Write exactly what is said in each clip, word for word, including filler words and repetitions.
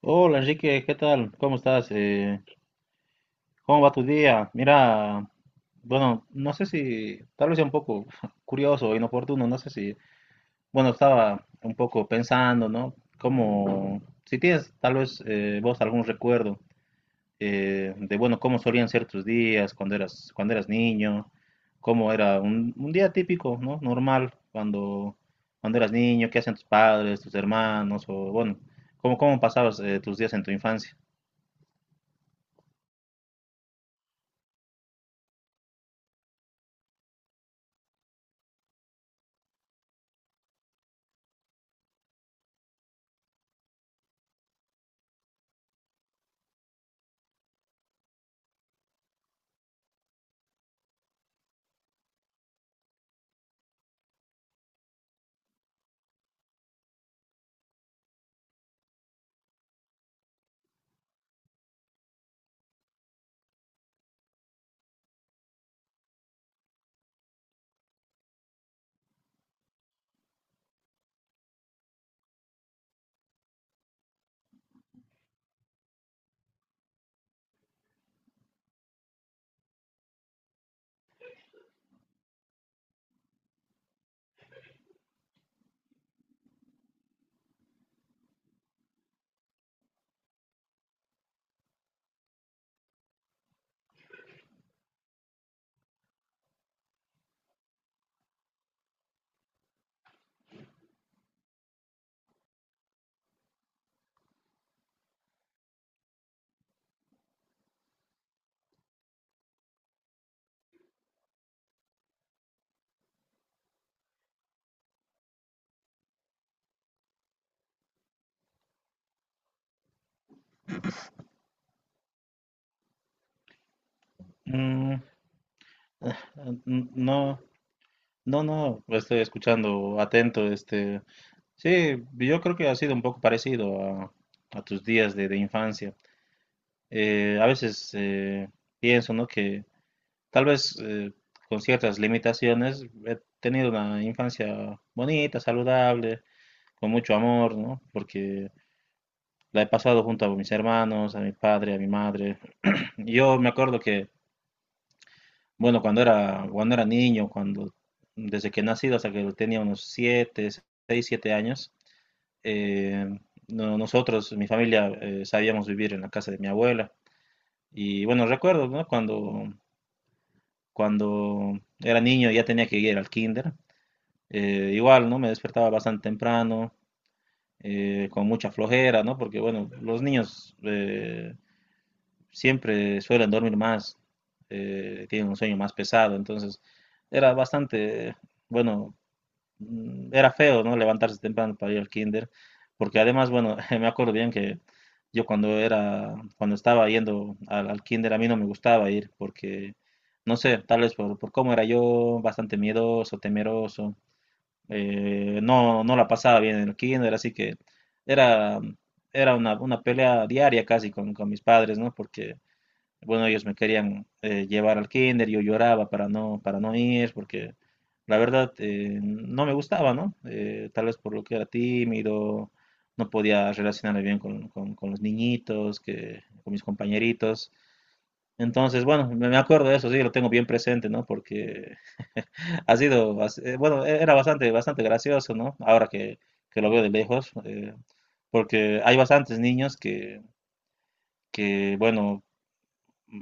Hola Enrique, ¿qué tal? ¿Cómo estás? Eh, ¿cómo va tu día? Mira, bueno, no sé si, tal vez sea un poco curioso o inoportuno, no sé si, bueno, estaba un poco pensando, ¿no? Como, si tienes tal vez eh, vos algún recuerdo eh, de, bueno, cómo solían ser tus días cuando eras, cuando eras niño, cómo era un, un día típico, ¿no? Normal, cuando, cuando eras niño, qué hacían tus padres, tus hermanos, o bueno, cómo, cómo pasabas eh, tus días en tu infancia. Mm, Ah, n- no, no, no, estoy escuchando atento, este, sí, yo creo que ha sido un poco parecido a, a tus días de, de infancia. Eh, a veces eh, pienso, ¿no? Que tal vez eh, con ciertas limitaciones he tenido una infancia bonita, saludable, con mucho amor, ¿no? Porque la he pasado junto a mis hermanos, a mi padre, a mi madre. Yo me acuerdo que Bueno, cuando era, cuando era niño, cuando, desde que he nacido hasta que tenía unos siete seis siete años, eh, no- nosotros, mi familia, eh, sabíamos vivir en la casa de mi abuela. Y bueno, recuerdo, ¿no? Cuando, cuando era niño ya tenía que ir al kinder. Eh, igual, ¿no? Me despertaba bastante temprano, eh, con mucha flojera, ¿no? Porque bueno, los niños eh, siempre suelen dormir más, eh, tienen un sueño más pesado, entonces era bastante, bueno, mm, era feo, ¿no? Levantarse temprano para ir al kinder, porque además, bueno, me acuerdo bien que yo cuando era, cuando estaba yendo al, al kinder, a mí no me gustaba ir, porque, no sé, tal vez por, por, cómo era yo, bastante miedoso, temeroso, eh, no, no la pasaba bien en el kinder, así que era, era una, una pelea diaria casi con, con mis padres, ¿no? Porque bueno, ellos me querían eh, llevar al kinder, yo lloraba para no, para no ir, porque la verdad eh, no me gustaba, ¿no? Eh, tal vez por lo que era tímido, no podía relacionarme bien con, con- con los niñitos, que, con mis compañeritos. Entonces, bueno, me me acuerdo de eso, sí, lo tengo bien presente, ¿no? Porque ha sido, bas- eh, bueno, e- era bastante, bastante gracioso, ¿no? Ahora que, que lo veo de lejos, eh, porque hay bastantes niños que, que, bueno,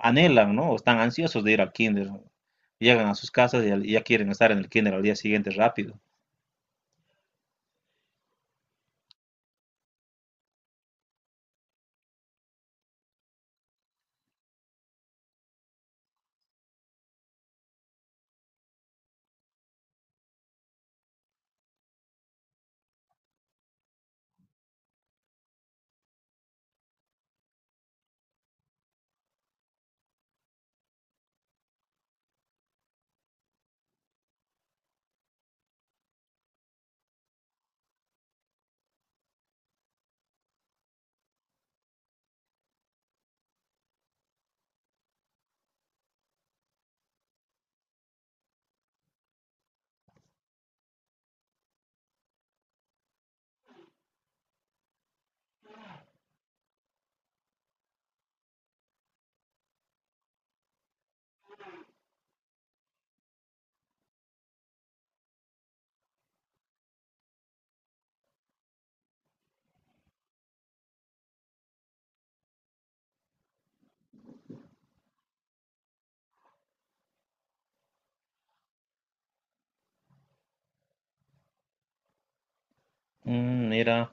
anhelan, ¿no? O están ansiosos de ir al kinder. Llegan a sus casas y al- y ya quieren estar en el kinder al día siguiente rápido. Mm, mira,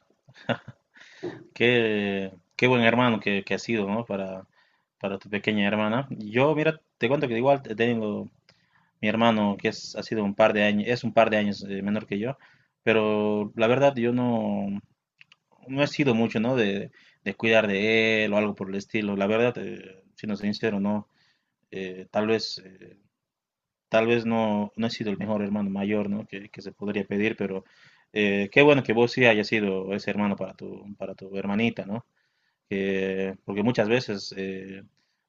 qué, qué buen hermano que, que has sido, ¿no? Para, para tu pequeña hermana. Yo, mira, te cuento que igual te- tengo mi hermano que es, ha sido un par de años, es un par de años eh, menor que yo, pero la verdad yo no, no he sido mucho, ¿no? De, de cuidar de él o algo por el estilo. La verdad, eh, siendo sincero, no. Eh, tal vez... eh, Tal vez no, no he sido el mejor hermano mayor, ¿no? que, que se podría pedir, pero eh, qué bueno que vos sí hayas sido ese hermano para tu, para tu hermanita, ¿no? Que- porque muchas veces eh,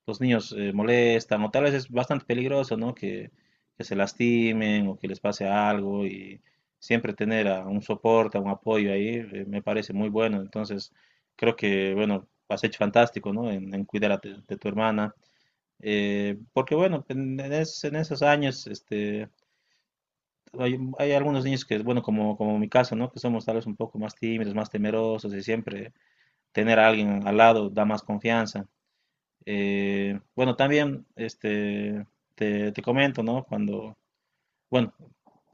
los niños eh, molestan, o tal vez es bastante peligroso, ¿no? Que, que se lastimen o que les pase algo, y siempre tener a un soporte, a un apoyo ahí, eh, me parece muy bueno. Entonces, creo que, bueno, has hecho fantástico, ¿no? En, en cuidar a tu- de tu hermana. Eh, porque bueno, en, en es- en esos años, este, hay, hay algunos niños que, bueno, como, como mi caso, ¿no? Que somos tal vez un poco más tímidos, más temerosos y siempre tener a alguien al lado da más confianza. Eh, bueno, también, este, te, te comento, ¿no? Cuando, bueno,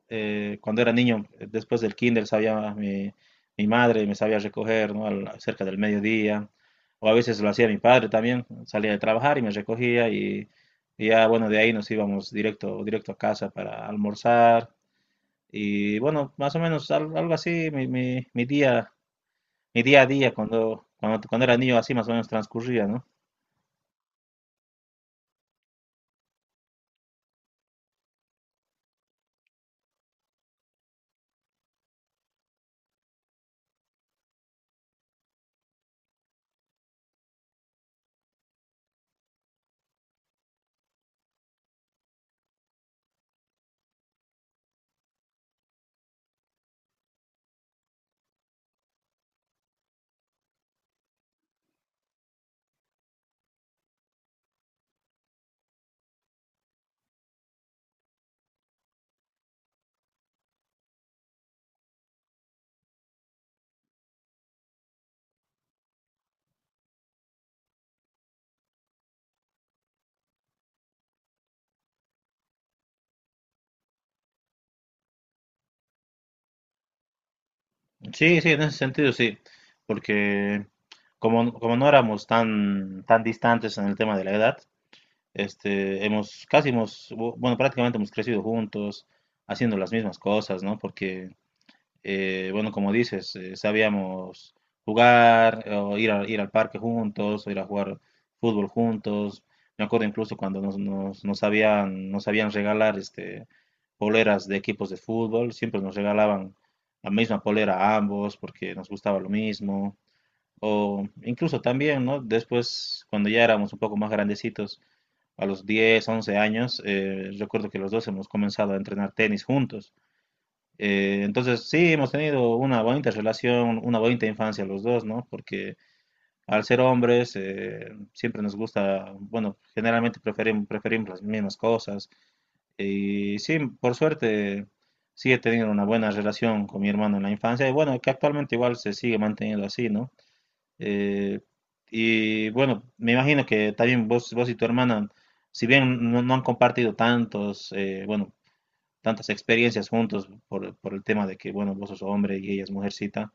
eh, cuando era niño, eh, después del kinder, sabía mi, mi madre, me sabía recoger, ¿no? Al- cerca del mediodía, o a veces lo hacía mi padre también, salía de trabajar y me recogía y, y ya, bueno, de ahí nos íbamos directo, directo a casa para almorzar y bueno, más o menos al- algo así, mi, mi, mi día, mi día a día cuando, cuando, cuando era niño así más o menos transcurría, ¿no? Sí, sí, en ese sentido sí, porque como, como no éramos tan, tan distantes en el tema de la edad. Este, hemos, casi hemos, bu- bueno, prácticamente hemos crecido juntos, haciendo las mismas cosas, ¿no? Porque, eh, bueno, como dices, eh, sabíamos jugar, o ir a- ir al parque juntos, o ir a jugar fútbol juntos. Me acuerdo incluso cuando nos, nos, nos habían, nos habían regalar, este, poleras de equipos de fútbol, siempre nos regalaban la misma polera a ambos porque nos gustaba lo mismo. O incluso también, ¿no? Después, cuando ya éramos un poco más grandecitos, a los diez once años, eh, recuerdo que los dos hemos comenzado a entrenar tenis juntos. Eh, entonces, sí, hemos tenido una bonita relación, una bonita infancia los dos, ¿no? Porque al ser hombres, eh, siempre nos gusta, bueno, generalmente preferim- preferimos las mismas cosas. Y sí, por suerte, sí he tenido una buena relación con mi hermano en la infancia. Y bueno, que actualmente igual se sigue manteniendo así, ¿no? Eh, y bueno, me imagino que también vos, vos y tu hermana, si bien no, no han compartido tantos, eh, bueno, tantas experiencias juntos por, por el tema de que, bueno, vos sos hombre y ella es mujercita,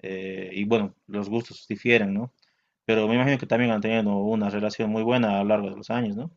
eh, y bueno, los gustos difieren, ¿no? Pero me imagino que también han tenido una relación muy buena a lo largo de los años, ¿no?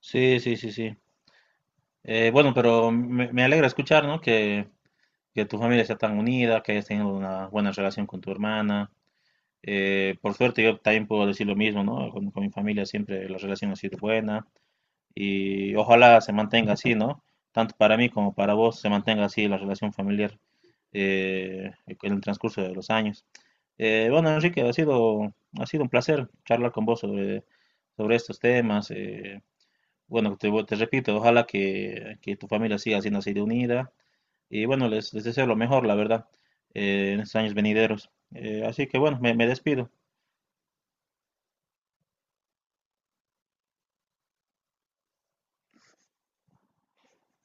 Sí, sí, sí, sí. Eh, bueno, pero me, me alegra escuchar, ¿no? Que, que tu familia sea tan unida, que hayas tenido una buena relación con tu hermana. Eh, por suerte yo también puedo decir lo mismo, ¿no? Con, con mi familia siempre la relación ha sido buena y ojalá se mantenga así, ¿no? Tanto para mí como para vos se mantenga así la relación familiar eh, en el transcurso de los años. Eh, bueno, Enrique, ha sido, ha sido un placer charlar con vos sobre, sobre estos temas. Eh, bueno, te, te repito, ojalá que, que tu familia siga siendo así de unida. Y bueno, les, les deseo lo mejor, la verdad, eh, en estos años venideros. Eh, así que bueno, me, me despido.